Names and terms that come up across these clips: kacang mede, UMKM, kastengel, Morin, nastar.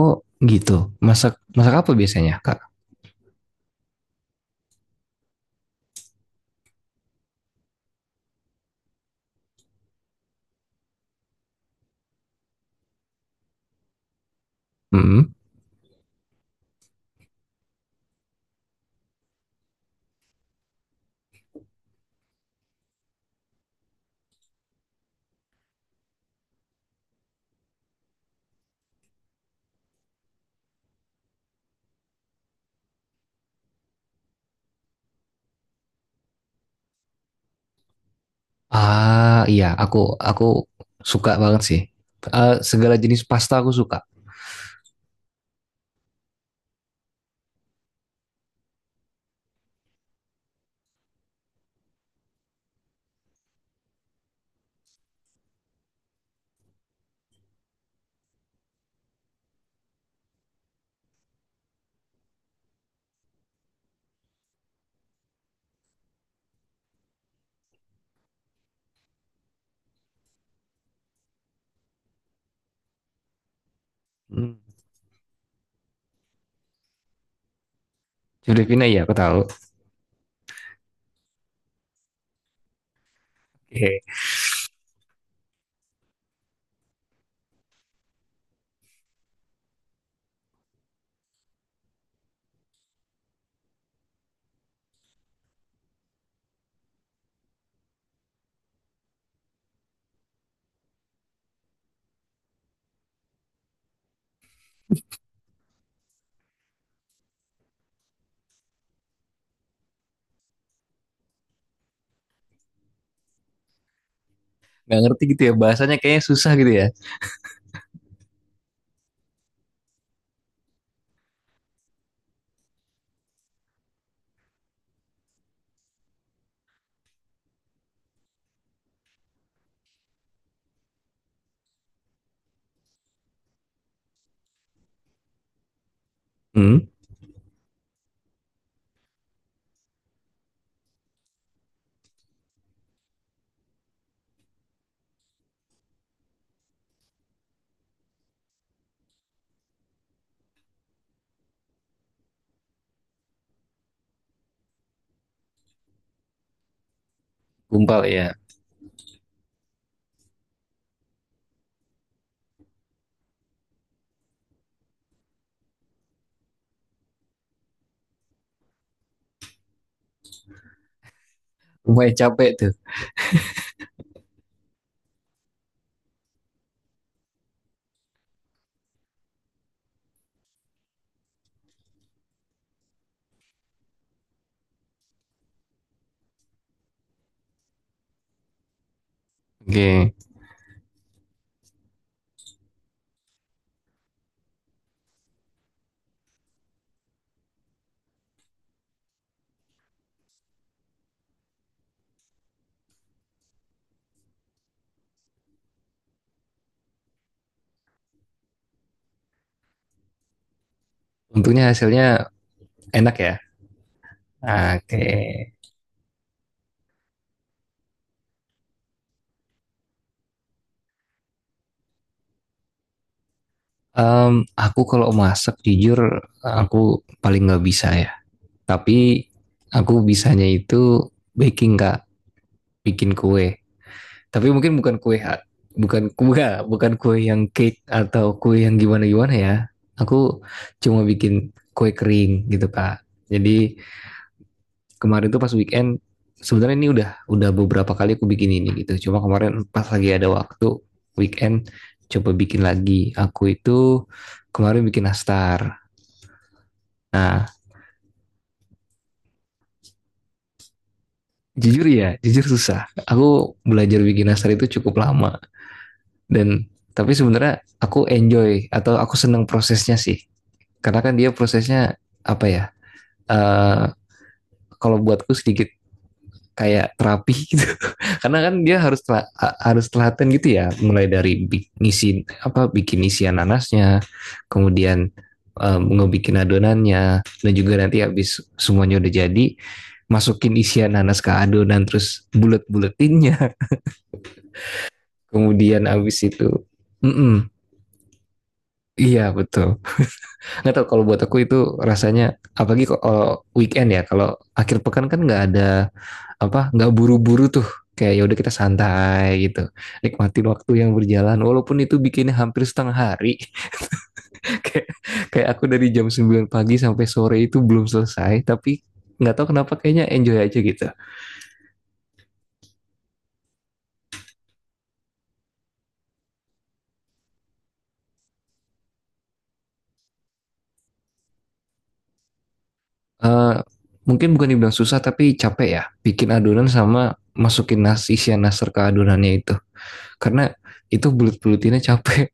Oh gitu. Masak masak apa biasanya, Kak? Hmm. Ah iya, aku suka banget sih. Eh, segala jenis pasta aku suka. Hmm. Filipina ya, aku tahu. Oke. Nggak ngerti gitu ya bahasanya kayaknya susah gitu ya. Hmm. Gumpal ya. Lumayan capek tuh. Oke. Untungnya hasilnya enak ya. Oke. Em, aku kalau masak jujur aku paling nggak bisa ya. Tapi aku bisanya itu baking, Kak, bikin kue. Tapi mungkin bukan kue bukan kue bukan kue yang cake atau kue yang gimana-gimana ya. Aku cuma bikin kue kering gitu, Kak. Jadi kemarin tuh pas weekend sebenarnya ini udah beberapa kali aku bikin ini gitu. Cuma kemarin pas lagi ada waktu weekend coba bikin lagi. Aku itu kemarin bikin nastar. Nah, jujur ya, jujur susah. Aku belajar bikin nastar itu cukup lama dan tapi sebenarnya aku enjoy atau aku seneng prosesnya sih karena kan dia prosesnya apa ya eh kalau buatku sedikit kayak terapi gitu karena kan dia harus harus telaten gitu ya, mulai dari ngisi apa bikin isian nanasnya, kemudian ngebikin adonannya, dan juga nanti habis semuanya udah jadi masukin isian nanas ke adonan terus bulet-buletinnya, kemudian habis itu mm-mm, iya betul. Nggak tahu, kalau buat aku itu rasanya apalagi kalau weekend ya, kalau akhir pekan kan nggak ada apa nggak buru-buru tuh, kayak ya udah kita santai gitu, nikmatin waktu yang berjalan walaupun itu bikinnya hampir setengah hari. kayak Kayak aku dari jam 9 pagi sampai sore itu belum selesai, tapi nggak tahu kenapa kayaknya enjoy aja gitu. Eh, Mungkin bukan dibilang susah tapi capek ya, bikin adonan sama masukin nasi isian nasar ke adonannya itu, karena itu bulut-bulutinnya capek.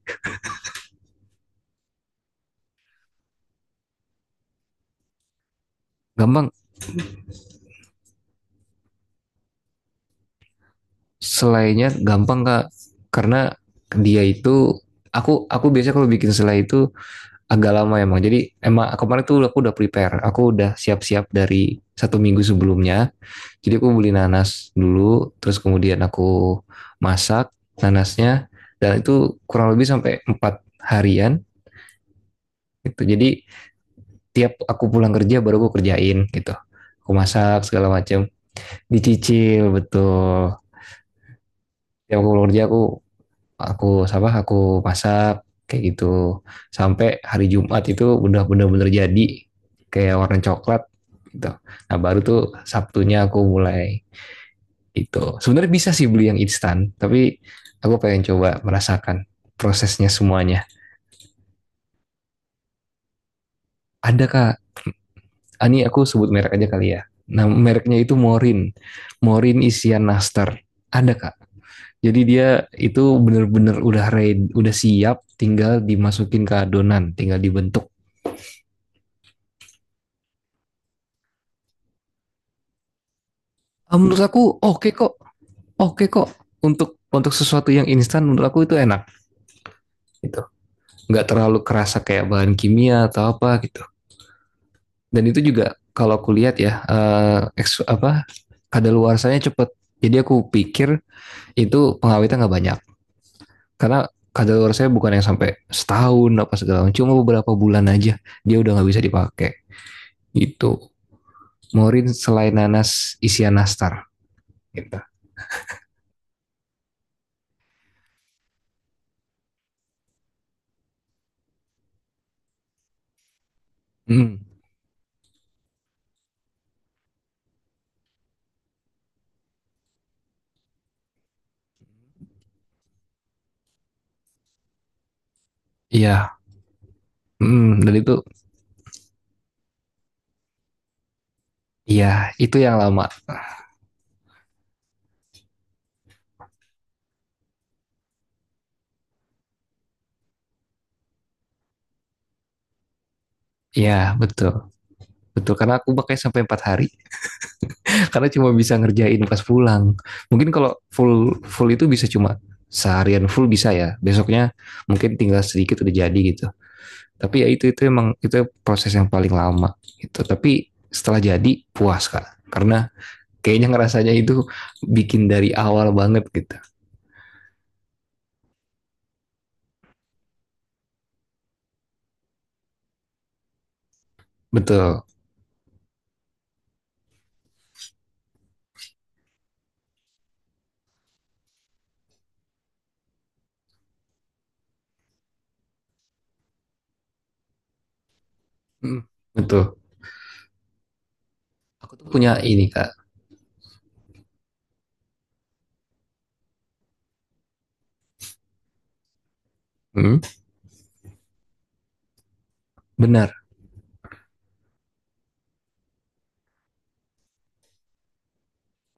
Gampang, selainya gampang, kak. Karena dia itu, aku biasanya kalau bikin selai itu agak lama emang. Jadi emang kemarin tuh aku udah prepare, aku udah siap-siap dari satu minggu sebelumnya. Jadi aku beli nanas dulu, terus kemudian aku masak nanasnya, dan itu kurang lebih sampai 4 harian gitu. Jadi tiap aku pulang kerja baru aku kerjain gitu, aku masak segala macam, dicicil betul. Tiap aku pulang kerja aku aku masak kayak gitu sampai hari Jumat itu udah bener-bener jadi, kayak warna coklat gitu. Nah baru tuh Sabtunya aku mulai itu. Sebenarnya bisa sih beli yang instan, tapi aku pengen coba merasakan prosesnya semuanya. Ada kak. Ah, ini aku sebut merek aja kali ya. Nah mereknya itu Morin, Morin isian nastar. Ada kak. Jadi dia itu bener-bener udah ready, udah siap, tinggal dimasukin ke adonan, tinggal dibentuk. Ah, menurut aku oke kok, oke kok. Untuk sesuatu yang instan menurut aku itu enak gitu. Nggak terlalu kerasa kayak bahan kimia atau apa gitu. Dan itu juga kalau aku lihat ya, apa kadaluarsanya cepet. Jadi aku pikir itu pengawetnya nggak banyak, karena kadaluarsanya bukan yang sampai setahun apa segala macam, cuma beberapa bulan aja dia udah nggak bisa dipakai gitu. Morin selain nanas isian nastar gitu. Hmm, iya. Hmm, dan itu ya itu yang lama. Ya betul. Betul, karena aku pakai sampai 4 hari. Karena cuma bisa ngerjain pas pulang. Mungkin kalau full full itu bisa, cuma seharian full bisa ya. Besoknya mungkin tinggal sedikit udah jadi gitu. Tapi ya itu emang itu proses yang paling lama gitu. Tapi setelah jadi puas, Kak. Karena kayaknya ngerasanya itu bikin dari awal banget gitu. Betul. Hmm, betul. Aku tuh punya ini, Kak. Hmm, benar.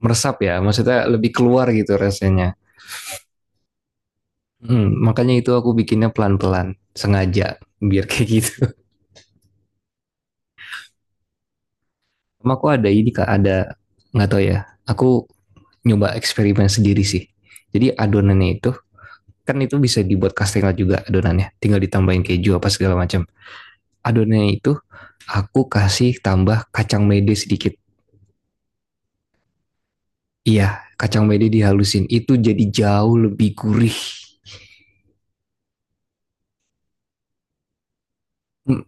Meresap ya, maksudnya lebih keluar gitu rasanya. Mm, makanya itu aku bikinnya pelan-pelan, sengaja, biar kayak gitu. Sama aku ada ini kak, ada nggak tahu ya. Aku nyoba eksperimen sendiri sih. Jadi adonannya itu kan itu bisa dibuat kastengel juga adonannya, tinggal ditambahin keju apa segala macam. Adonannya itu aku kasih tambah kacang mede sedikit. Iya, kacang mede dihalusin itu jadi jauh lebih gurih. Mm,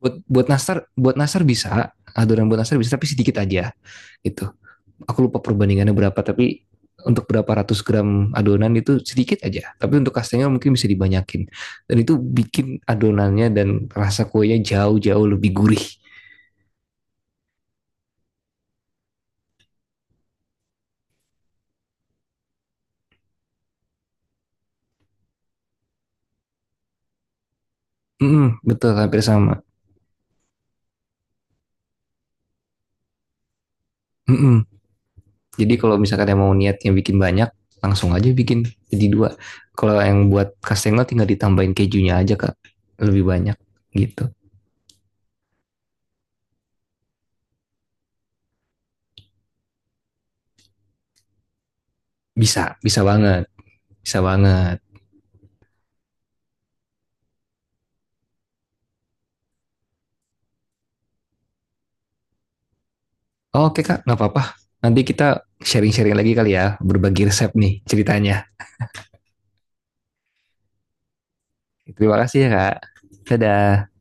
Buat buat nastar bisa, adonan buat nastar bisa tapi sedikit aja gitu. Aku lupa perbandingannya berapa, tapi untuk berapa ratus gram adonan itu sedikit aja, tapi untuk kastengel mungkin bisa dibanyakin, dan itu bikin adonannya dan rasa kuenya jauh-jauh lebih gurih. Mm-mm, betul hampir sama. Mm-mm. Jadi kalau misalkan yang mau niatnya bikin banyak, langsung aja bikin jadi dua. Kalau yang buat kastengel tinggal ditambahin kejunya aja kak, lebih banyak gitu. Bisa Bisa banget, bisa banget. Oke kak, nggak apa-apa, nanti kita sharing-sharing lagi kali ya, berbagi resep nih ceritanya. Terima kasih ya, Kak. Dadah.